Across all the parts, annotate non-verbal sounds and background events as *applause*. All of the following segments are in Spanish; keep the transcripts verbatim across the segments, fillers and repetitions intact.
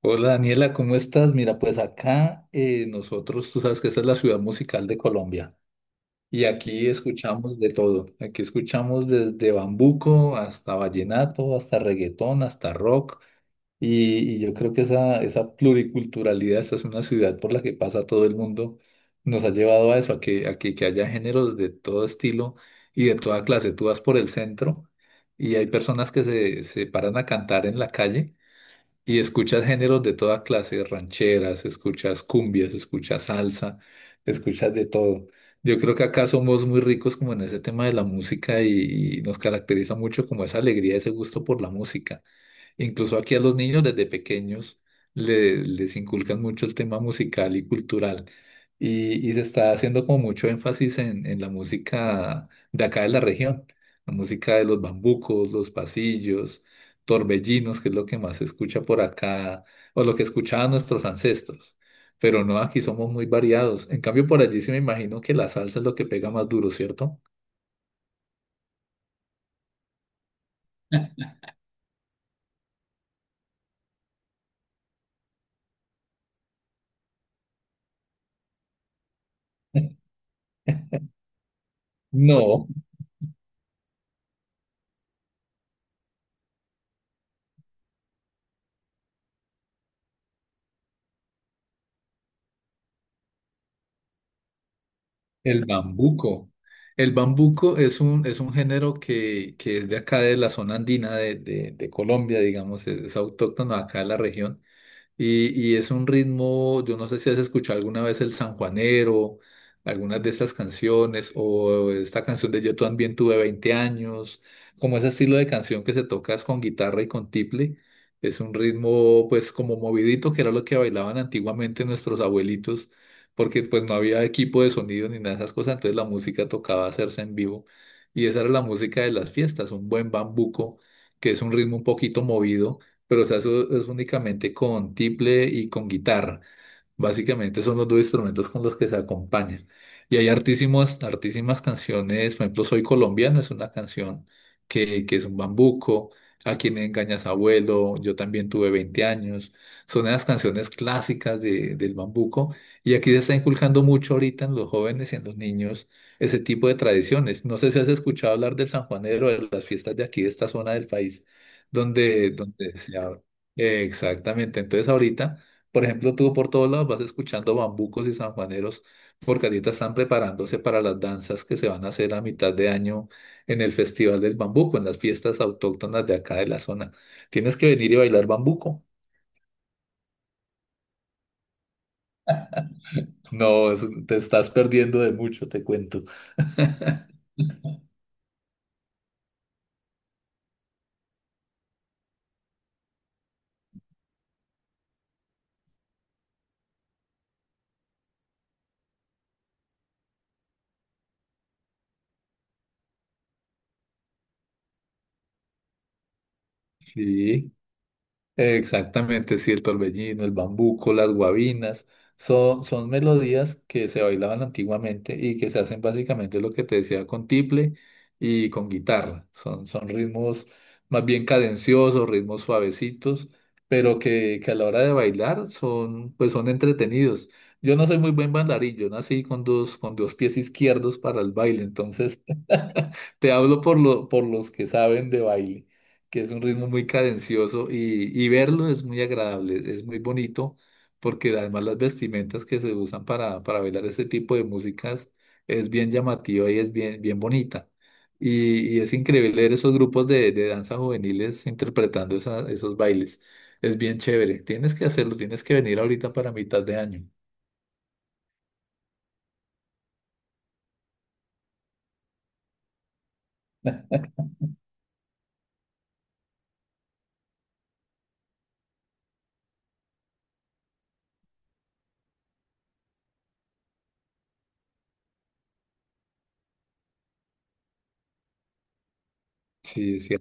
Hola Daniela, ¿cómo estás? Mira, pues acá eh, nosotros, tú sabes que esta es la ciudad musical de Colombia y aquí escuchamos de todo. Aquí escuchamos desde bambuco hasta vallenato, hasta reggaetón, hasta rock y, y yo creo que esa, esa pluriculturalidad, esta es una ciudad por la que pasa todo el mundo, nos ha llevado a eso, a que, a que, que haya géneros de todo estilo y de toda clase. Tú vas por el centro y hay personas que se, se paran a cantar en la calle y escuchas géneros de toda clase, rancheras, escuchas cumbias, escuchas salsa, escuchas de todo. Yo creo que acá somos muy ricos como en ese tema de la música y, y nos caracteriza mucho como esa alegría, ese gusto por la música. Incluso aquí a los niños desde pequeños le- les inculcan mucho el tema musical y cultural. Y, y se está haciendo como mucho énfasis en, en la música de acá de la región, la música de los bambucos, los pasillos, torbellinos, que es lo que más se escucha por acá, o lo que escuchaban nuestros ancestros. Pero no, aquí somos muy variados. En cambio, por allí sí me imagino que la salsa es lo que pega más duro, ¿cierto? No, el bambuco. El bambuco es un, es un género que, que es de acá de la zona andina de, de- de Colombia, digamos, es, es autóctono acá de la región. Y, y es un ritmo, yo no sé si has escuchado alguna vez el sanjuanero, algunas de estas canciones, o esta canción de Yo también tuve veinte años, como ese estilo de canción que se toca es con guitarra y con tiple. Es un ritmo pues como movidito, que era lo que bailaban antiguamente nuestros abuelitos, porque pues no había equipo de sonido ni nada de esas cosas, entonces la música tocaba hacerse en vivo. Y esa era la música de las fiestas, un buen bambuco, que es un ritmo un poquito movido pero se hace es únicamente con tiple y con guitarra. Básicamente son los dos instrumentos con los que se acompañan. Y hay hartísimas, hartísimas canciones, por ejemplo, Soy colombiano es una canción que, que es un bambuco, A quien engañas abuelo, yo también tuve veinte años. Son las canciones clásicas de- del bambuco. Y aquí se está inculcando mucho ahorita en los jóvenes y en los niños ese tipo de tradiciones. No sé si has escuchado hablar del San Juanero, de las fiestas de aquí, de esta zona del país, donde, donde se habla. Exactamente. Entonces ahorita. Por ejemplo, tú por todos lados vas escuchando bambucos y sanjuaneros porque ahorita están preparándose para las danzas que se van a hacer a mitad de año en el Festival del Bambuco, en las fiestas autóctonas de acá de la zona. Tienes que venir y bailar bambuco. No, es- te estás perdiendo de mucho, te cuento. *laughs* Sí. Exactamente, sí, el torbellino, el bambuco, las guabinas, son, son melodías que se bailaban antiguamente y que se hacen básicamente lo que te decía con tiple y con guitarra. Son, son ritmos más bien cadenciosos, ritmos suavecitos, pero que, que a la hora de bailar son, pues son entretenidos. Yo no soy muy buen bailarín, yo nací con dos, con dos pies izquierdos para el baile, entonces *laughs* te hablo por lo, por los que saben de baile que es un ritmo muy cadencioso y, y verlo es muy agradable, es muy bonito, porque además las vestimentas que se usan para, para bailar este tipo de músicas es bien llamativa y es bien, bien bonita. Y, y es increíble ver esos grupos de, de danza juveniles interpretando esa- esos bailes. Es bien chévere. Tienes que hacerlo, tienes que venir ahorita para mitad de año. Sí, sí.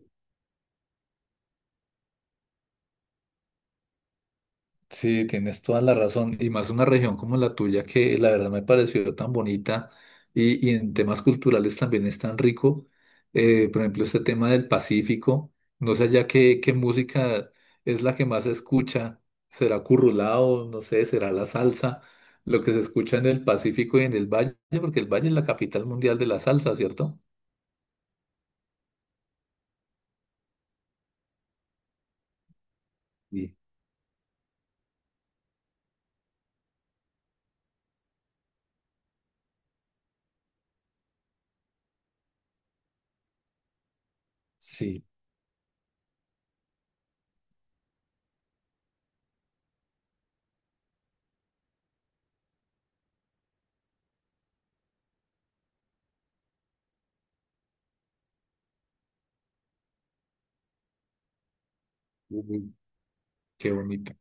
Sí, tienes toda la razón. Y más una región como la tuya, que la verdad me pareció tan bonita y, y en temas culturales también es tan rico. Eh, por ejemplo, este tema del Pacífico. No sé ya qué, qué música es la que más se escucha. ¿Será currulao? No sé, será la salsa. Lo que se escucha en el Pacífico y en el Valle, porque el Valle es la capital mundial de la salsa, ¿cierto? Sí, sí. Ujú. Qué bonito.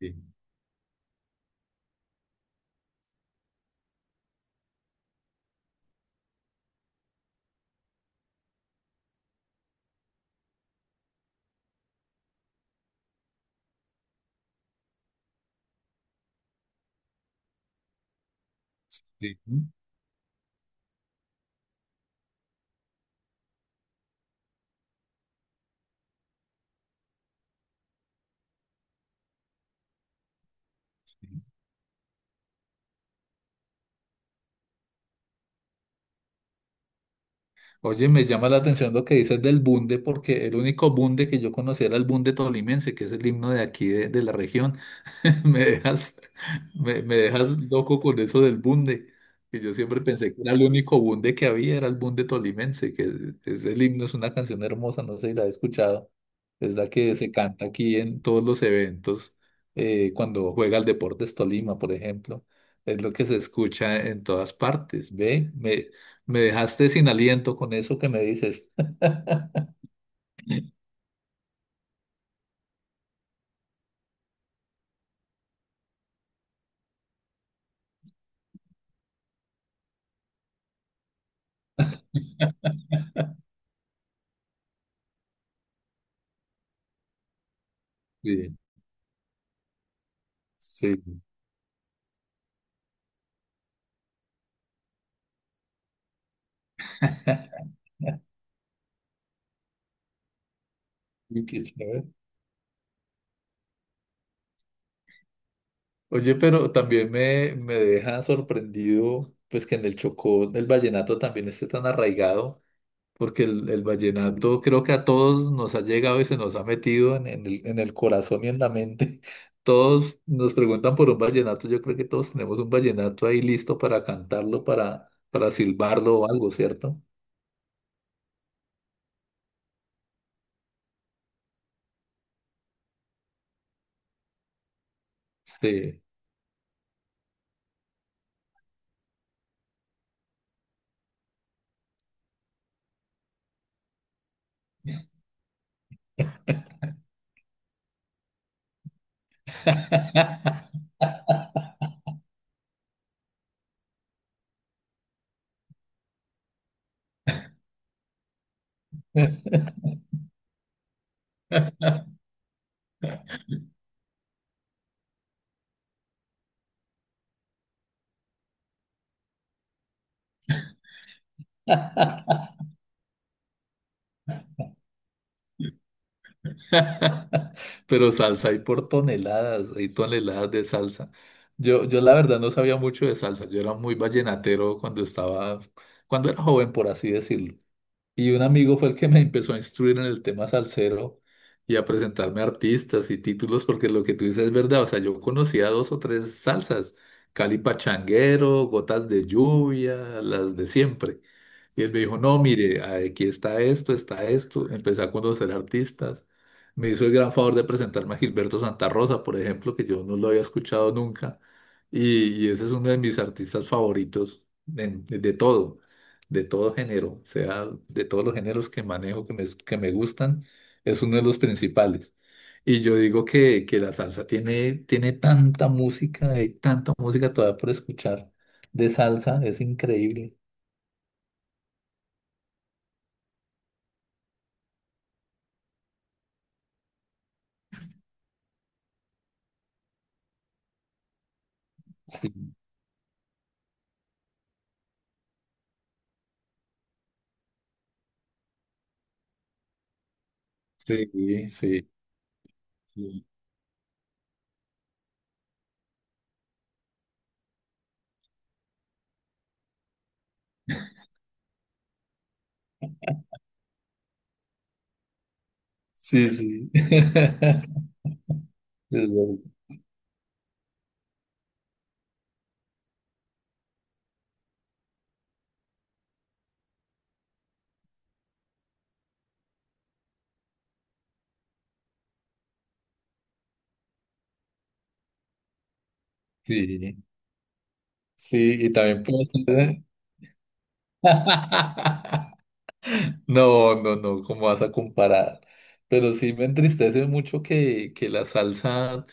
Sí, sí. Oye, me llama la atención lo que dices del bunde, porque el único bunde que yo conocía era el bunde tolimense, que es el himno de aquí, de, de la región. *laughs* Me dejas, me, me dejas loco con eso del bunde, que yo siempre pensé que era el único bunde que había, era el bunde tolimense, que es, es el himno, es una canción hermosa, no sé si la has escuchado. Es la que se canta aquí en todos los eventos, eh, cuando juega el Deportes Tolima, por ejemplo. Es lo que se escucha en todas partes, ¿ve? Me, me dejaste sin aliento con eso que me dices. *laughs* Sí, sí. Uy, qué chévere. Oye, pero también me, me deja sorprendido, pues que en el Chocó el vallenato también esté tan arraigado, porque el, el vallenato creo que a todos nos ha llegado y se nos ha metido en, en el, en el corazón y en la mente. *laughs* Todos nos preguntan por un vallenato, yo creo que todos tenemos un vallenato ahí listo para cantarlo, para, para silbarlo o algo, ¿cierto? Sí. *laughs* *laughs* Pero salsa hay por toneladas, hay toneladas de salsa. Yo, yo la verdad no sabía mucho de salsa, yo era muy vallenatero cuando estaba, cuando era joven, por así decirlo. Y un amigo fue el que me empezó a instruir en el tema salsero y a presentarme artistas y títulos, porque lo que tú dices es verdad, o sea, yo conocía dos o tres salsas, Cali Pachanguero, Gotas de Lluvia, las de siempre. Y él me dijo, no, mire, aquí está esto, está esto. Empecé a conocer artistas. Me hizo el gran favor de presentarme a Gilberto Santa Rosa, por ejemplo, que yo no lo había escuchado nunca. Y, y ese es uno de mis artistas favoritos en- de, de todo, de todo género. O sea, de todos los géneros que manejo, que me, que me gustan, es uno de los principales. Y yo digo que, que la salsa tiene, tiene tanta música, hay tanta música todavía por escuchar de salsa, es increíble. Sí. Sí, sí, sí, sí, sí. *laughs* Es verdad, sí, sí, y también puede ser. *laughs* No, no, no, ¿cómo vas a comparar? Pero sí me entristece mucho que, que la salsa,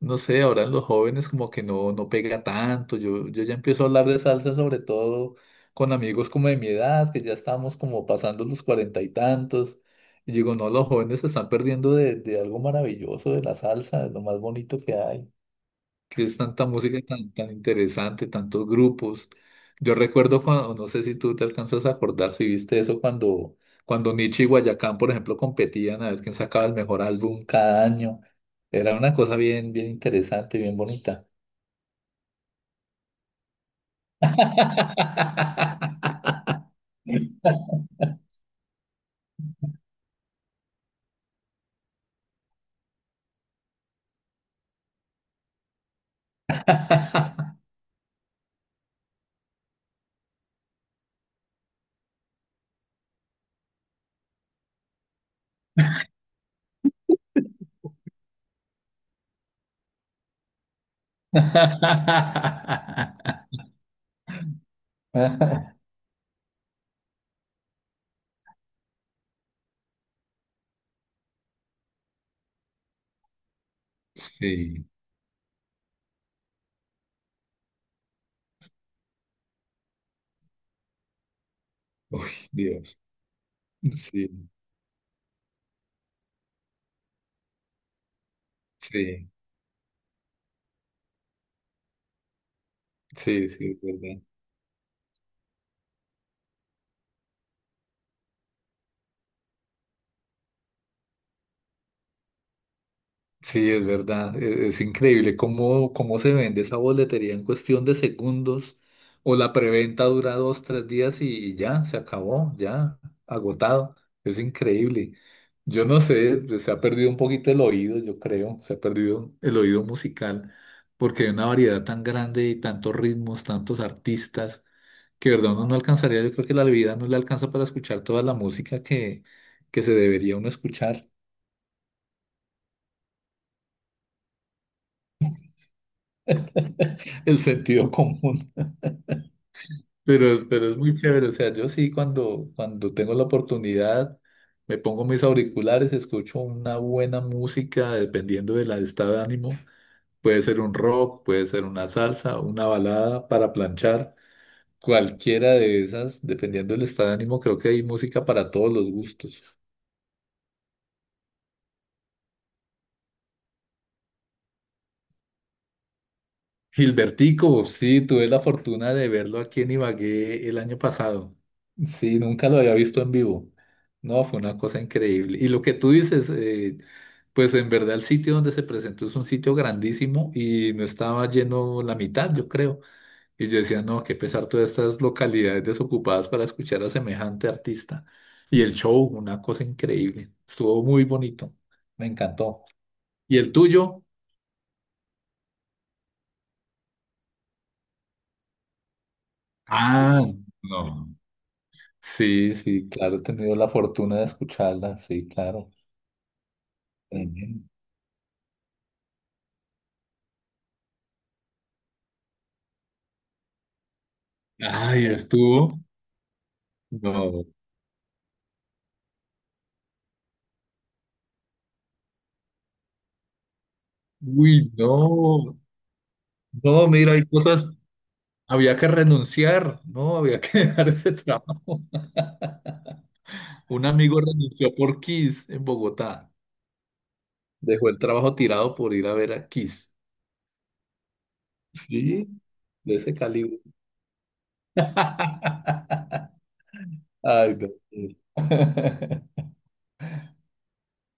no sé, ahora en los jóvenes como que no, no pega tanto. Yo, yo ya empiezo a hablar de salsa sobre todo con amigos como de mi edad, que ya estamos como pasando los cuarenta y tantos. Y digo, no, los jóvenes se están perdiendo de, de algo maravilloso de la salsa, de lo más bonito que hay. Que es tanta música tan, tan interesante, tantos grupos. Yo recuerdo cuando, no sé si tú te alcanzas a acordar, si viste eso cuando, cuando, Nietzsche y Guayacán, por ejemplo, competían a ver quién sacaba el mejor álbum cada año. Era una cosa bien, bien interesante, bien bonita. *laughs* Sí, uy, Dios. Sí, sí, sí, sí, es verdad. Sí, es verdad, e- es, increíble cómo, cómo se vende esa boletería en cuestión de segundos o la preventa dura dos, tres días y, y ya, se acabó, ya, agotado, es increíble. Yo no sé, pues, se ha perdido un poquito el oído, yo creo, se ha perdido el oído musical porque hay una variedad tan grande y tantos ritmos, tantos artistas, que de verdad uno no alcanzaría, yo creo que la vida no le alcanza para escuchar toda la música que, que se debería uno escuchar, *laughs* el sentido común. Pero, pero es muy chévere, o sea, yo sí cuando, cuando tengo la oportunidad me pongo mis auriculares, escucho una buena música dependiendo del estado de ánimo. Puede ser un rock, puede ser una salsa, una balada para planchar, cualquiera de esas, dependiendo del estado de ánimo, creo que hay música para todos los gustos. Gilbertico, sí, tuve la fortuna de verlo aquí en Ibagué el año pasado. Sí, nunca lo había visto en vivo. No, fue una cosa increíble. Y lo que tú dices, eh, pues en verdad el sitio donde se presentó es un sitio grandísimo y no estaba lleno la mitad, yo creo. Y yo decía, no, qué pesar todas estas localidades desocupadas para escuchar a semejante artista. Y el show, una cosa increíble. Estuvo muy bonito. Me encantó. ¿Y el tuyo? Ah, no. Sí, sí, claro, he tenido la fortuna de escucharla, sí, claro. Tremendo. Ay, Eh, estuvo. No. Uy, no. No, mira, hay cosas. Había que renunciar, no, había que *laughs* dejar ese trabajo. Un amigo renunció por Kiss en Bogotá. Dejó el trabajo tirado por ir a ver a Kiss. Sí, de ese calibre. *laughs* Ay, no. *laughs*